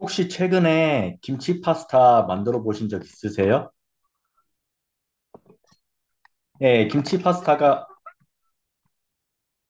혹시 최근에 김치 파스타 만들어 보신 적 있으세요? 네, 김치 파스타가,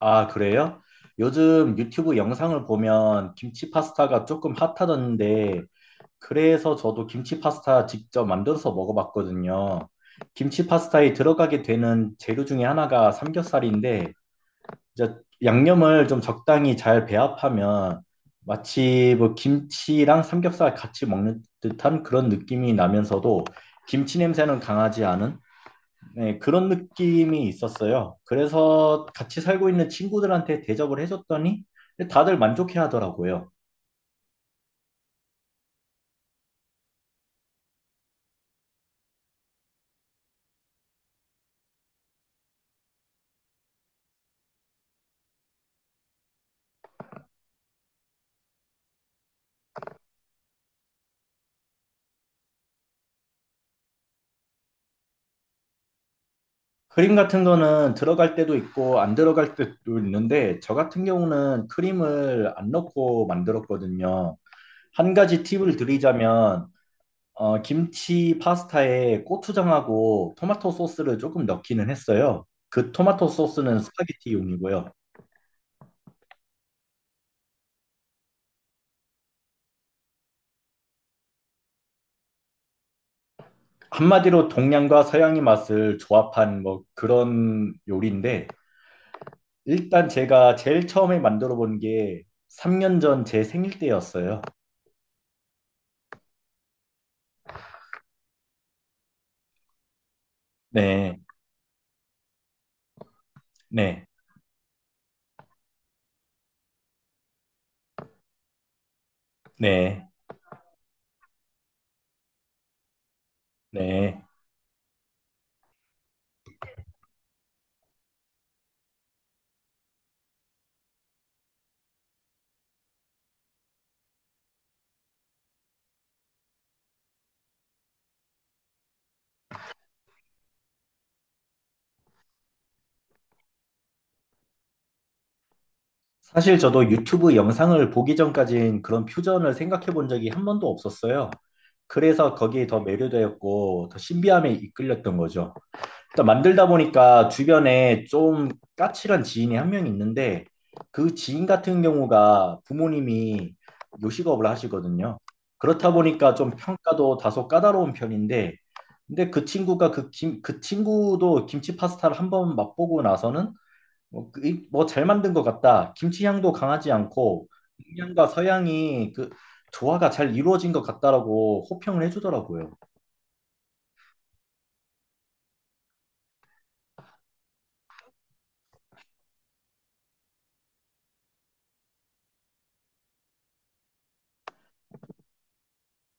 아, 그래요? 요즘 유튜브 영상을 보면 김치 파스타가 조금 핫하던데, 그래서 저도 김치 파스타 직접 만들어서 먹어봤거든요. 김치 파스타에 들어가게 되는 재료 중에 하나가 삼겹살인데, 이제 양념을 좀 적당히 잘 배합하면 마치 뭐 김치랑 삼겹살 같이 먹는 듯한 그런 느낌이 나면서도 김치 냄새는 강하지 않은, 네, 그런 느낌이 있었어요. 그래서 같이 살고 있는 친구들한테 대접을 해줬더니 다들 만족해 하더라고요. 크림 같은 거는 들어갈 때도 있고 안 들어갈 때도 있는데, 저 같은 경우는 크림을 안 넣고 만들었거든요. 한 가지 팁을 드리자면 김치 파스타에 고추장하고 토마토 소스를 조금 넣기는 했어요. 그 토마토 소스는 스파게티용이고요. 한마디로 동양과 서양의 맛을 조합한 뭐 그런 요리인데, 일단 제가 제일 처음에 만들어 본 게 3년 전 제 생일 때였어요. 네, 네, 네, 네. 사실 저도 유튜브 영상을 보기 전까진 그런 퓨전을 생각해 본 적이 한 번도 없었어요. 그래서 거기에 더 매료되었고, 더 신비함에 이끌렸던 거죠. 일단 만들다 보니까 주변에 좀 까칠한 지인이 한 명 있는데, 그 지인 같은 경우가 부모님이 요식업을 하시거든요. 그렇다 보니까 좀 평가도 다소 까다로운 편인데, 근데 그 친구가 그 친구도 김치 파스타를 한번 맛보고 나서는 뭐 그 뭐, 잘 만든 것 같다. 김치 향도 강하지 않고 동양과 서양이 그 조화가 잘 이루어진 것 같다라고 호평을 해주더라고요.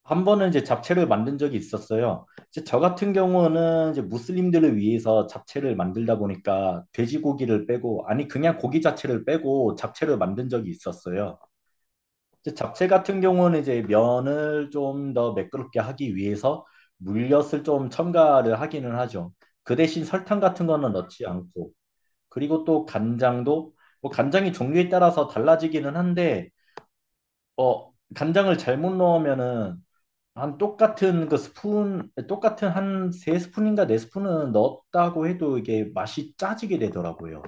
한 번은 이제 잡채를 만든 적이 있었어요. 이제 저 같은 경우는 이제 무슬림들을 위해서 잡채를 만들다 보니까 돼지고기를 빼고, 아니, 그냥 고기 자체를 빼고 잡채를 만든 적이 있었어요. 이제 잡채 같은 경우는 이제 면을 좀 더 매끄럽게 하기 위해서 물엿을 좀 첨가를 하기는 하죠. 그 대신 설탕 같은 거는 넣지 않고, 그리고 또 간장도, 뭐 간장이 종류에 따라서 달라지기는 한데, 간장을 잘못 넣으면은 한 똑같은 그 스푼, 똑같은 한 세 스푼인가 네 스푼은 넣었다고 해도 이게 맛이 짜지게 되더라고요.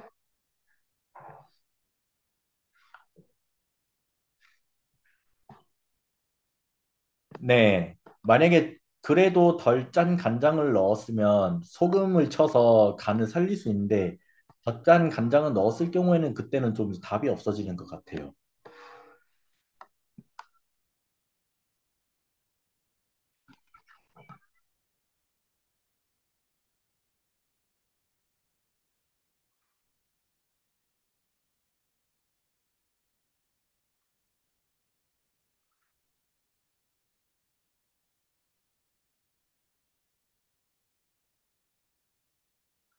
네. 만약에 그래도 덜 짠 간장을 넣었으면 소금을 쳐서 간을 살릴 수 있는데, 더 짠 간장을 넣었을 경우에는 그때는 좀 답이 없어지는 것 같아요.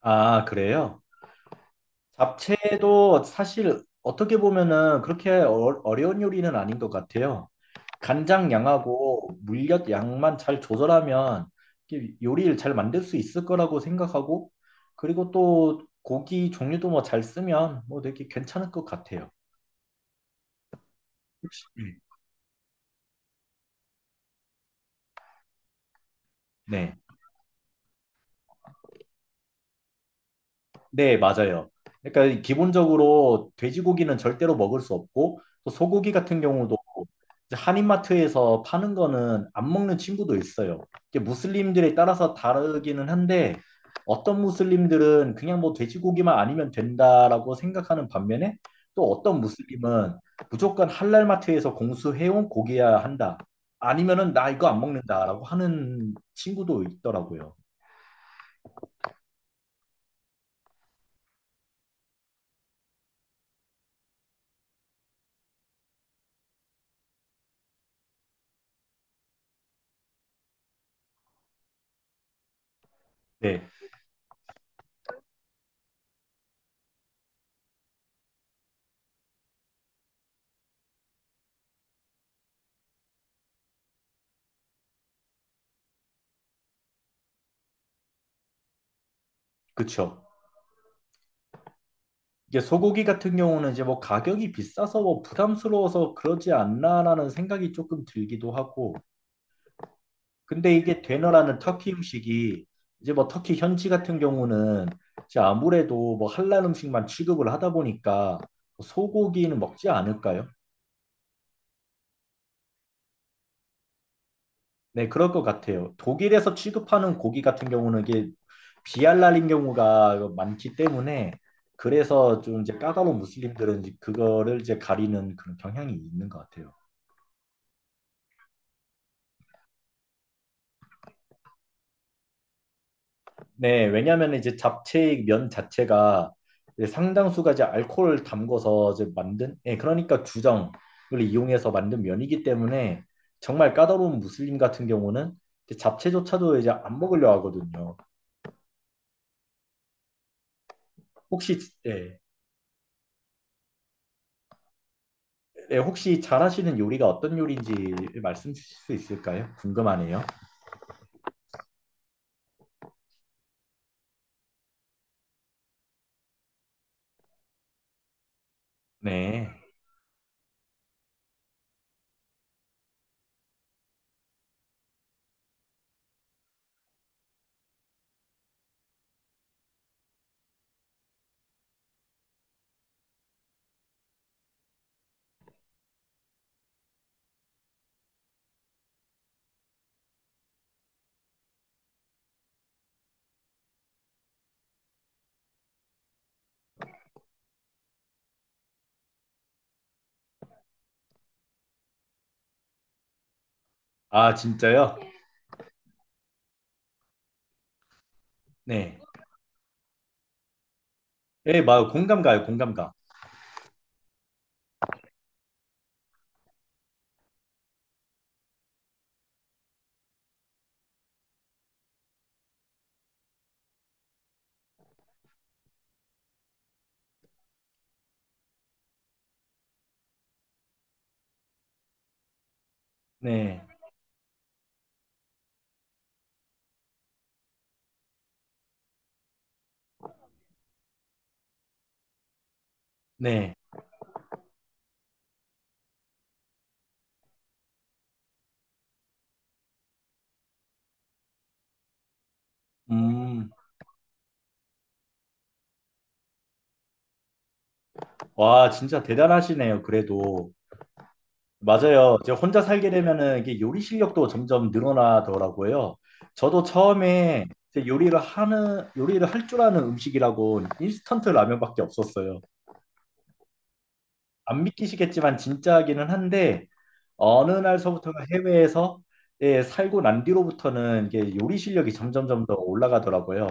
아, 그래요? 잡채도 사실 어떻게 보면은 그렇게 어려운 요리는 아닌 것 같아요. 간장 양하고 물엿 양만 잘 조절하면 이게 요리를 잘 만들 수 있을 거라고 생각하고, 그리고 또 고기 종류도 뭐 잘 쓰면 뭐 되게 괜찮을 것 같아요. 음. 네. 네, 맞아요. 그러니까 기본적으로 돼지고기는 절대로 먹을 수 없고 또 소고기 같은 경우도 이제 한인마트에서 파는 거는 안 먹는 친구도 있어요. 이게 무슬림들에 따라서 다르기는 한데 어떤 무슬림들은 그냥 뭐 돼지고기만 아니면 된다라고 생각하는 반면에, 또 어떤 무슬림은 무조건 할랄마트에서 공수해온 고기야 한다. 아니면은 나 이거 안 먹는다라고 하는 친구도 있더라고요. 네, 그쵸. 이게 소고기 같은 경우는 이제 뭐 가격이 비싸서 뭐 부담스러워서 그러지 않나라는 생각이 조금 들기도 하고, 근데 이게 되너라는 터키 음식이 이제 뭐 터키 현지 같은 경우는 이제 아무래도 뭐 할랄 음식만 취급을 하다 보니까 소고기는 먹지 않을까요? 네, 그럴 것 같아요. 독일에서 취급하는 고기 같은 경우는 이게 비할랄인 경우가 많기 때문에 그래서 좀 이제 까다로운 무슬림들은 이제 그거를 이제 가리는 그런 경향이 있는 것 같아요. 네, 왜냐하면 이제 잡채 의 면 자체가 이제 상당수가 이제 알코올을 담궈서 이제 만든, 예, 그러니까 주정을 이용해서 만든 면이기 때문에 정말 까다로운 무슬림 같은 경우는 이제 잡채조차도 이제 안 먹으려 하거든요. 혹시, 예, 예, 혹시 잘하시는 요리가 어떤 요리인지 말씀 주실 수 있을까요? 궁금하네요. 네. 아, 진짜요? 네. 예, 막 공감 가요, 공감 가. 네. 네. 음, 와, 진짜 대단하시네요, 그래도. 맞아요. 이제 혼자 살게 되면은 이게 요리 실력도 점점 늘어나더라고요. 저도 처음에 이제 요리를 할 줄 아는 음식이라고 인스턴트 라면밖에 없었어요. 안 믿기시겠지만 진짜기는 한데 어느 날서부터가 해외에서, 예, 살고 난 뒤로부터는 이게 요리 실력이 점점점 더 올라가더라고요.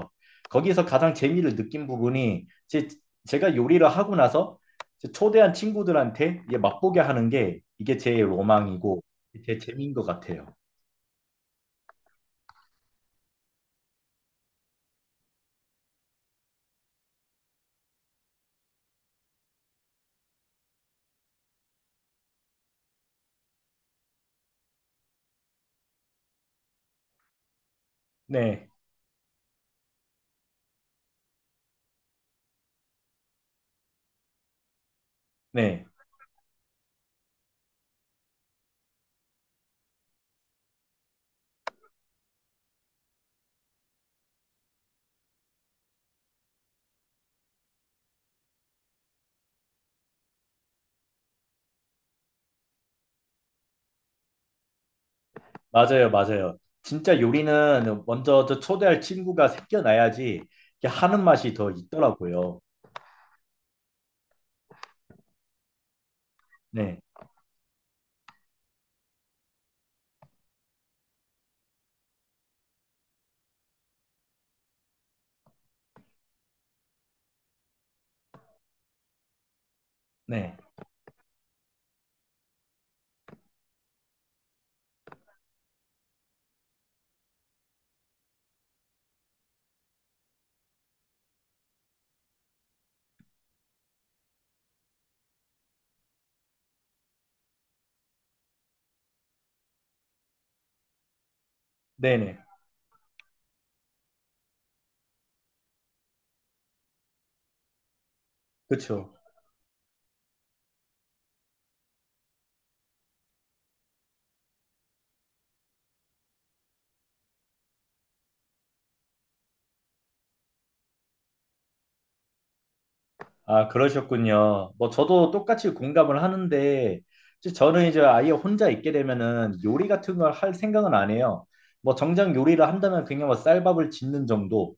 거기에서 가장 재미를 느낀 부분이 제가 요리를 하고 나서 이제 초대한 친구들한테 이게 맛보게 하는 게 이게 제 로망이고 제 재미인 것 같아요. 네, 네, 맞아요, 맞아요. 진짜 요리는 먼저 저 초대할 친구가 생겨나야지 이게 하는 맛이 더 있더라고요. 네, 네, 네, 네, 그렇죠. 아, 그러셨군요. 뭐 저도 똑같이 공감을 하는데, 이제 저는 이제 아예 혼자 있게 되면은 요리 같은 걸 할 생각은 안 해요. 뭐 정작 요리를 한다면 그냥 뭐 쌀밥을 짓는 정도.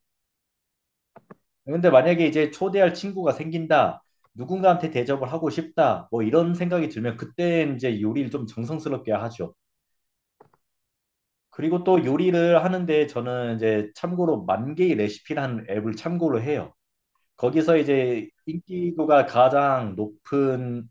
근데 만약에 이제 초대할 친구가 생긴다. 누군가한테 대접을 하고 싶다. 뭐 이런 생각이 들면 그때 이제 요리를 좀 정성스럽게 하죠. 그리고 또 요리를 하는데 저는 이제 참고로 만개의 레시피라는 앱을 참고로 해요. 거기서 이제 인기도가 가장 높은,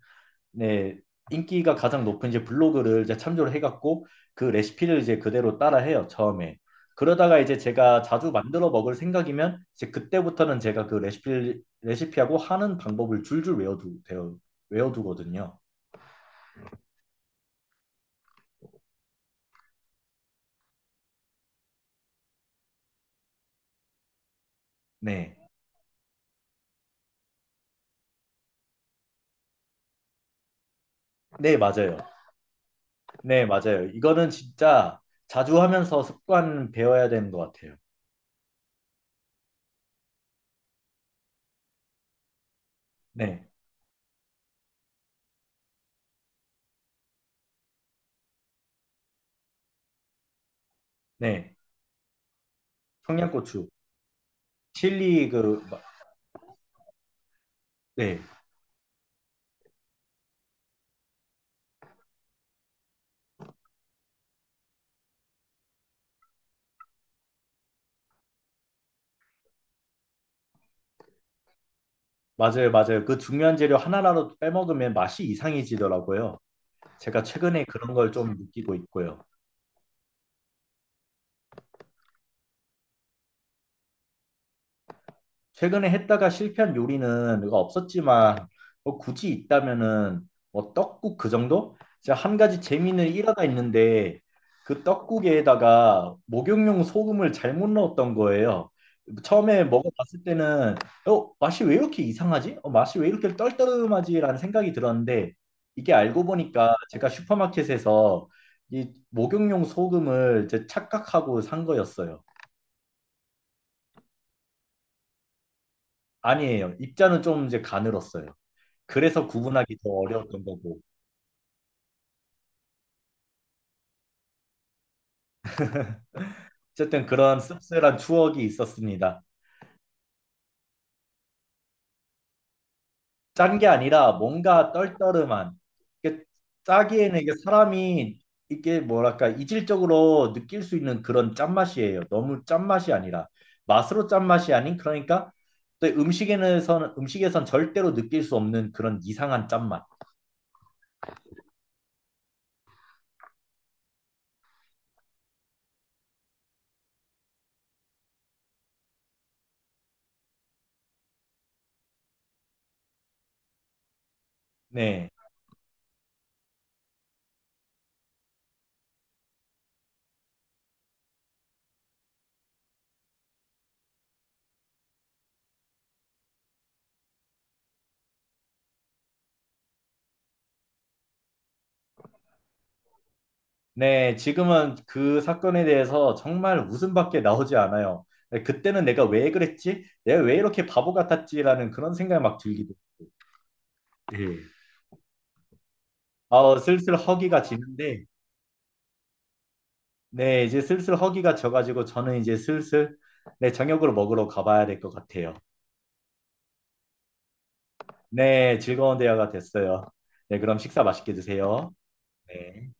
네, 인기가 가장 높은 이제 블로그를 이제 참조를 해갖고 그 레시피를 이제 그대로 따라해요, 처음에. 그러다가 이제 제가 자주 만들어 먹을 생각이면 이제 그때부터는 제가 그 레시피, 레시피하고 하는 방법을 줄줄 외워두, 되어, 외워두거든요. 네. 네, 맞아요. 네, 맞아요. 이거는 진짜 자주 하면서 습관 배워야 되는 것 같아요. 네, 네. 청양고추, 칠리 그, 네, 맞아요, 맞아요. 그 중요한 재료 하나라도 빼먹으면 맛이 이상해지더라고요. 제가 최근에 그런 걸 좀 느끼고 있고요. 최근에 했다가 실패한 요리는 뭐가 없었지만 뭐 굳이 있다면은 뭐 떡국 그 정도? 제가 한 가지 재미는 일화가 있는데 그 떡국에다가 목욕용 소금을 잘못 넣었던 거예요. 처음에 먹어봤을 때는 어, 맛이 왜 이렇게 이상하지? 어, 맛이 왜 이렇게 떨떠름하지라는 생각이 들었는데 이게 알고 보니까 제가 슈퍼마켓에서 이 목욕용 소금을 이제 착각하고 산 거였어요. 아니에요. 입자는 좀 이제 가늘었어요. 그래서 구분하기 더 어려웠던 거고. 어쨌든 그런 씁쓸한 추억이 있었습니다. 짠 게 아니라 뭔가 떨떠름한. 이게 짜기에는 이게 사람이 이게 뭐랄까 이질적으로 느낄 수 있는 그런 짠맛이에요. 너무 짠맛이 아니라 맛으로 짠맛이 아닌 그러니까 또 음식에는 음식에선 절대로 느낄 수 없는 그런 이상한 짠맛. 네. 네, 지금은 그 사건에 대해서 정말 웃음밖에 나오지 않아요. 네, 그때는 내가 왜 그랬지? 내가 왜 이렇게 바보 같았지라는 그런 생각이 막 들기도. 예. 아, 슬슬 허기가 지는데, 네, 이제 슬슬 허기가 져가지고 저는 이제 슬슬, 네, 저녁으로 먹으러 가봐야 될 것 같아요. 네, 즐거운 대화가 됐어요. 네, 그럼 식사 맛있게 드세요. 네.